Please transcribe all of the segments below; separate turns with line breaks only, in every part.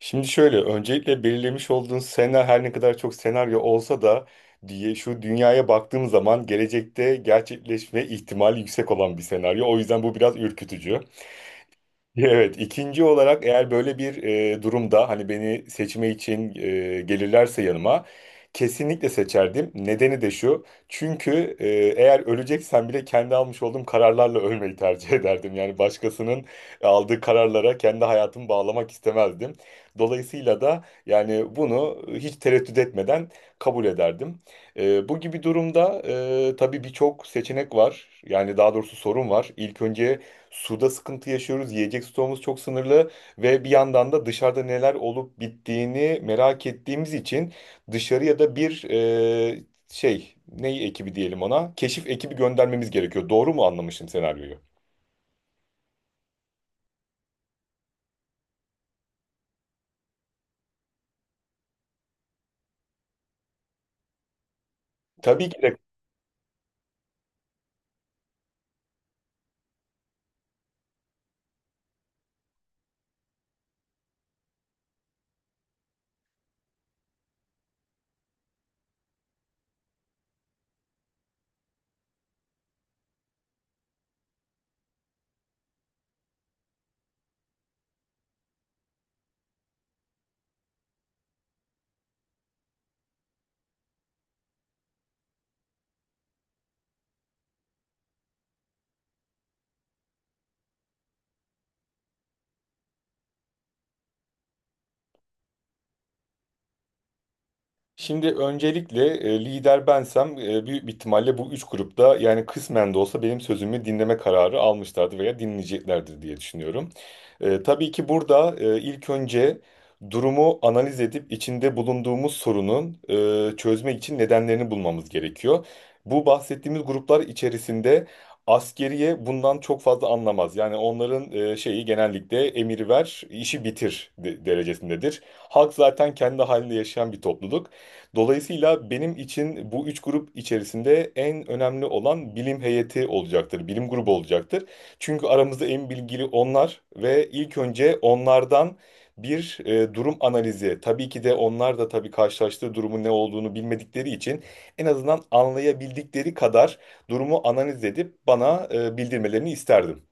Şimdi şöyle, öncelikle belirlemiş olduğun senaryo her ne kadar çok senaryo olsa da diye şu dünyaya baktığım zaman gelecekte gerçekleşme ihtimali yüksek olan bir senaryo. O yüzden bu biraz ürkütücü. Evet, ikinci olarak eğer böyle bir durumda hani beni seçme için gelirlerse yanıma kesinlikle seçerdim. Nedeni de şu. Çünkü eğer öleceksen bile kendi almış olduğum kararlarla ölmeyi tercih ederdim. Yani başkasının aldığı kararlara kendi hayatımı bağlamak istemezdim. Dolayısıyla da yani bunu hiç tereddüt etmeden kabul ederdim. Bu gibi durumda tabii birçok seçenek var. Yani daha doğrusu sorun var. İlk önce suda sıkıntı yaşıyoruz. Yiyecek stoğumuz çok sınırlı ve bir yandan da dışarıda neler olup bittiğini merak ettiğimiz için dışarıya da bir şey, ney ekibi diyelim ona, keşif ekibi göndermemiz gerekiyor. Doğru mu anlamışım senaryoyu? Tabii ki de. Şimdi öncelikle lider bensem büyük bir ihtimalle bu üç grupta yani kısmen de olsa benim sözümü dinleme kararı almışlardı veya dinleyeceklerdir diye düşünüyorum. Tabii ki burada ilk önce durumu analiz edip içinde bulunduğumuz sorunun çözmek için nedenlerini bulmamız gerekiyor. Bu bahsettiğimiz gruplar içerisinde askeriye bundan çok fazla anlamaz. Yani onların şeyi genellikle emir ver, işi bitir derecesindedir. Halk zaten kendi halinde yaşayan bir topluluk. Dolayısıyla benim için bu üç grup içerisinde en önemli olan bilim heyeti olacaktır, bilim grubu olacaktır. Çünkü aramızda en bilgili onlar ve ilk önce onlardan bir durum analizi. Tabii ki de onlar da tabii karşılaştığı durumun ne olduğunu bilmedikleri için en azından anlayabildikleri kadar durumu analiz edip bana bildirmelerini isterdim.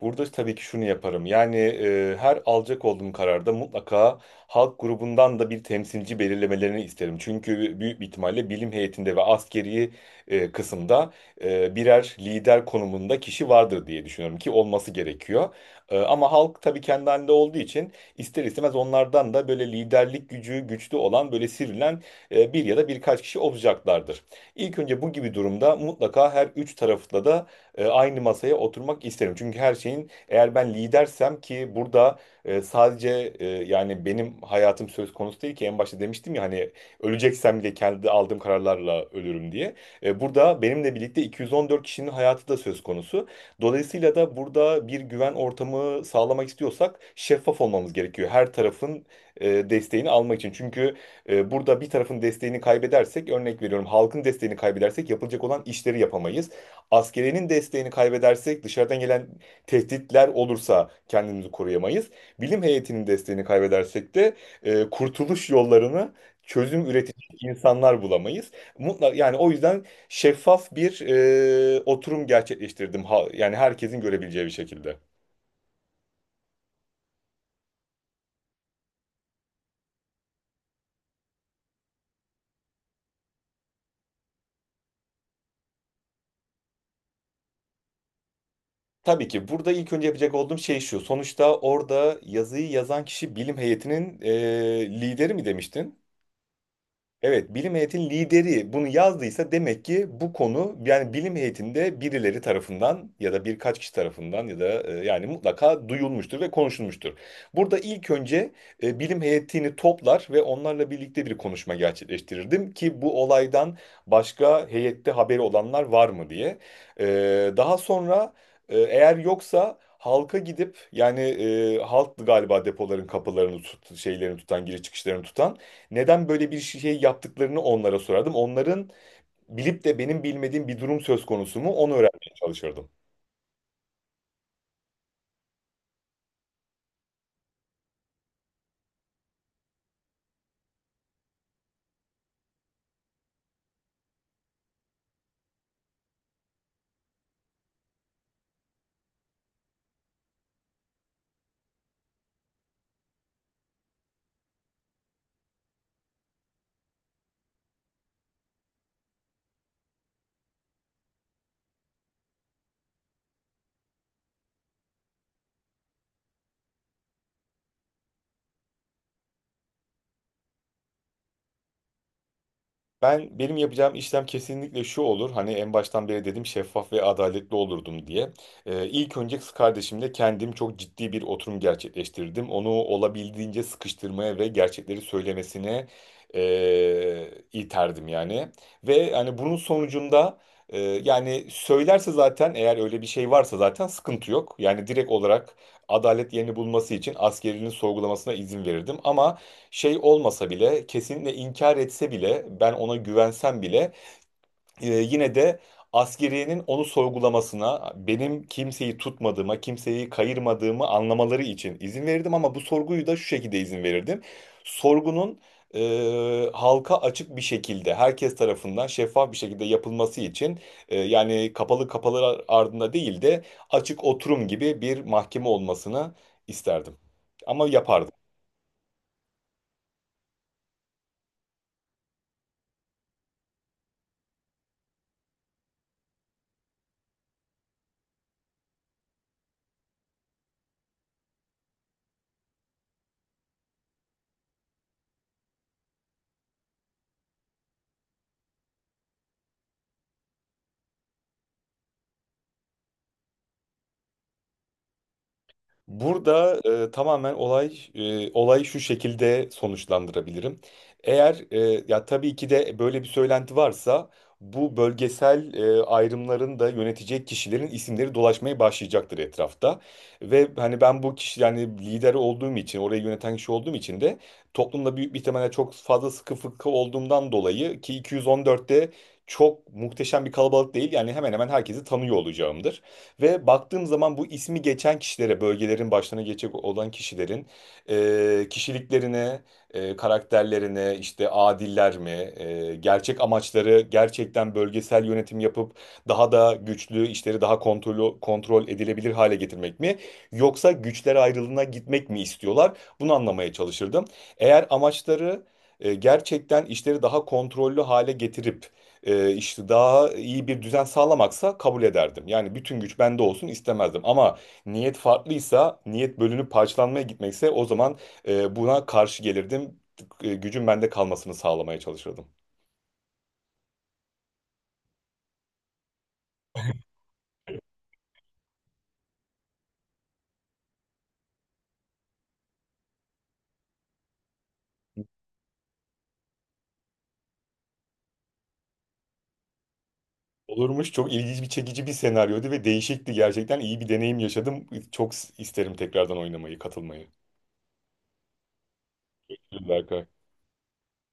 Burada tabii ki şunu yaparım. Yani her alacak olduğum kararda mutlaka halk grubundan da bir temsilci belirlemelerini isterim. Çünkü büyük bir ihtimalle bilim heyetinde ve askeri kısımda birer lider konumunda kişi vardır diye düşünüyorum ki olması gerekiyor. Ama halk tabii kendi halinde olduğu için ister istemez onlardan da böyle liderlik gücü güçlü olan böyle sivrilen bir ya da birkaç kişi olacaklardır. İlk önce bu gibi durumda mutlaka her üç tarafta da aynı masaya oturmak isterim. Çünkü her şeyin eğer ben lidersem ki burada yani benim hayatım söz konusu değil ki en başta demiştim ya hani öleceksem bile kendi aldığım kararlarla ölürüm diye. Burada benimle birlikte 214 kişinin hayatı da söz konusu. Dolayısıyla da burada bir güven ortamı sağlamak istiyorsak şeffaf olmamız gerekiyor. Her tarafın desteğini almak için. Çünkü burada bir tarafın desteğini kaybedersek, örnek veriyorum, halkın desteğini kaybedersek yapılacak olan işleri yapamayız. Askerinin desteğini kaybedersek dışarıdan gelen tehditler olursa kendimizi koruyamayız. Bilim heyetinin desteğini kaybedersek de kurtuluş yollarını çözüm üretecek insanlar bulamayız. Mutlak yani, o yüzden şeffaf bir oturum gerçekleştirdim. Yani herkesin görebileceği bir şekilde. Tabii ki burada ilk önce yapacak olduğum şey şu. Sonuçta orada yazıyı yazan kişi bilim heyetinin lideri mi demiştin? Evet, bilim heyetinin lideri bunu yazdıysa demek ki bu konu yani bilim heyetinde birileri tarafından ya da birkaç kişi tarafından ya da yani mutlaka duyulmuştur ve konuşulmuştur. Burada ilk önce bilim heyetini toplar ve onlarla birlikte bir konuşma gerçekleştirirdim ki bu olaydan başka heyette haberi olanlar var mı diye. E, Daha sonra eğer yoksa halka gidip yani, halk galiba depoların kapılarını tut, şeylerini tutan, giriş çıkışlarını tutan, neden böyle bir şey yaptıklarını onlara sorardım. Onların bilip de benim bilmediğim bir durum söz konusu mu onu öğrenmeye çalışırdım. Ben benim yapacağım işlem kesinlikle şu olur. Hani en baştan beri dedim şeffaf ve adaletli olurdum diye. İlk önce kız kardeşimle kendim çok ciddi bir oturum gerçekleştirdim. Onu olabildiğince sıkıştırmaya ve gerçekleri söylemesine iterdim yani. Ve hani bunun sonucunda yani söylerse zaten, eğer öyle bir şey varsa zaten sıkıntı yok. Yani direkt olarak adalet yerini bulması için askerinin sorgulamasına izin verirdim. Ama şey olmasa bile, kesinlikle inkar etse bile, ben ona güvensem bile yine de askeriyenin onu sorgulamasına, benim kimseyi tutmadığıma, kimseyi kayırmadığımı anlamaları için izin verirdim, ama bu sorguyu da şu şekilde izin verirdim. Sorgunun halka açık bir şekilde, herkes tarafından şeffaf bir şekilde yapılması için, yani kapalı kapalı ardında değil de açık oturum gibi bir mahkeme olmasını isterdim. Ama yapardım. Burada olayı şu şekilde sonuçlandırabilirim. Eğer ya tabii ki de böyle bir söylenti varsa, bu bölgesel ayrımların da yönetecek kişilerin isimleri dolaşmaya başlayacaktır etrafta. Ve hani ben bu kişi, yani lideri olduğum için, orayı yöneten kişi olduğum için de toplumda büyük bir ihtimalle çok fazla sıkı fıkı olduğumdan dolayı ki 214'te çok muhteşem bir kalabalık değil, yani hemen hemen herkesi tanıyor olacağımdır. Ve baktığım zaman bu ismi geçen kişilere, bölgelerin başlarına geçecek olan kişilerin kişiliklerine, karakterlerine, işte adiller mi, gerçek amaçları gerçekten bölgesel yönetim yapıp daha da güçlü, işleri daha kontrol edilebilir hale getirmek mi? Yoksa güçler ayrılığına gitmek mi istiyorlar? Bunu anlamaya çalışırdım. Eğer amaçları gerçekten işleri daha kontrollü hale getirip işte daha iyi bir düzen sağlamaksa kabul ederdim. Yani bütün güç bende olsun istemezdim. Ama niyet farklıysa, niyet bölünüp parçalanmaya gitmekse o zaman buna karşı gelirdim. Gücün bende kalmasını sağlamaya çalışırdım. Olurmuş, çok ilginç bir çekici bir senaryoydu ve değişikti, gerçekten iyi bir deneyim yaşadım. Çok isterim tekrardan oynamayı, katılmayı. Berkay.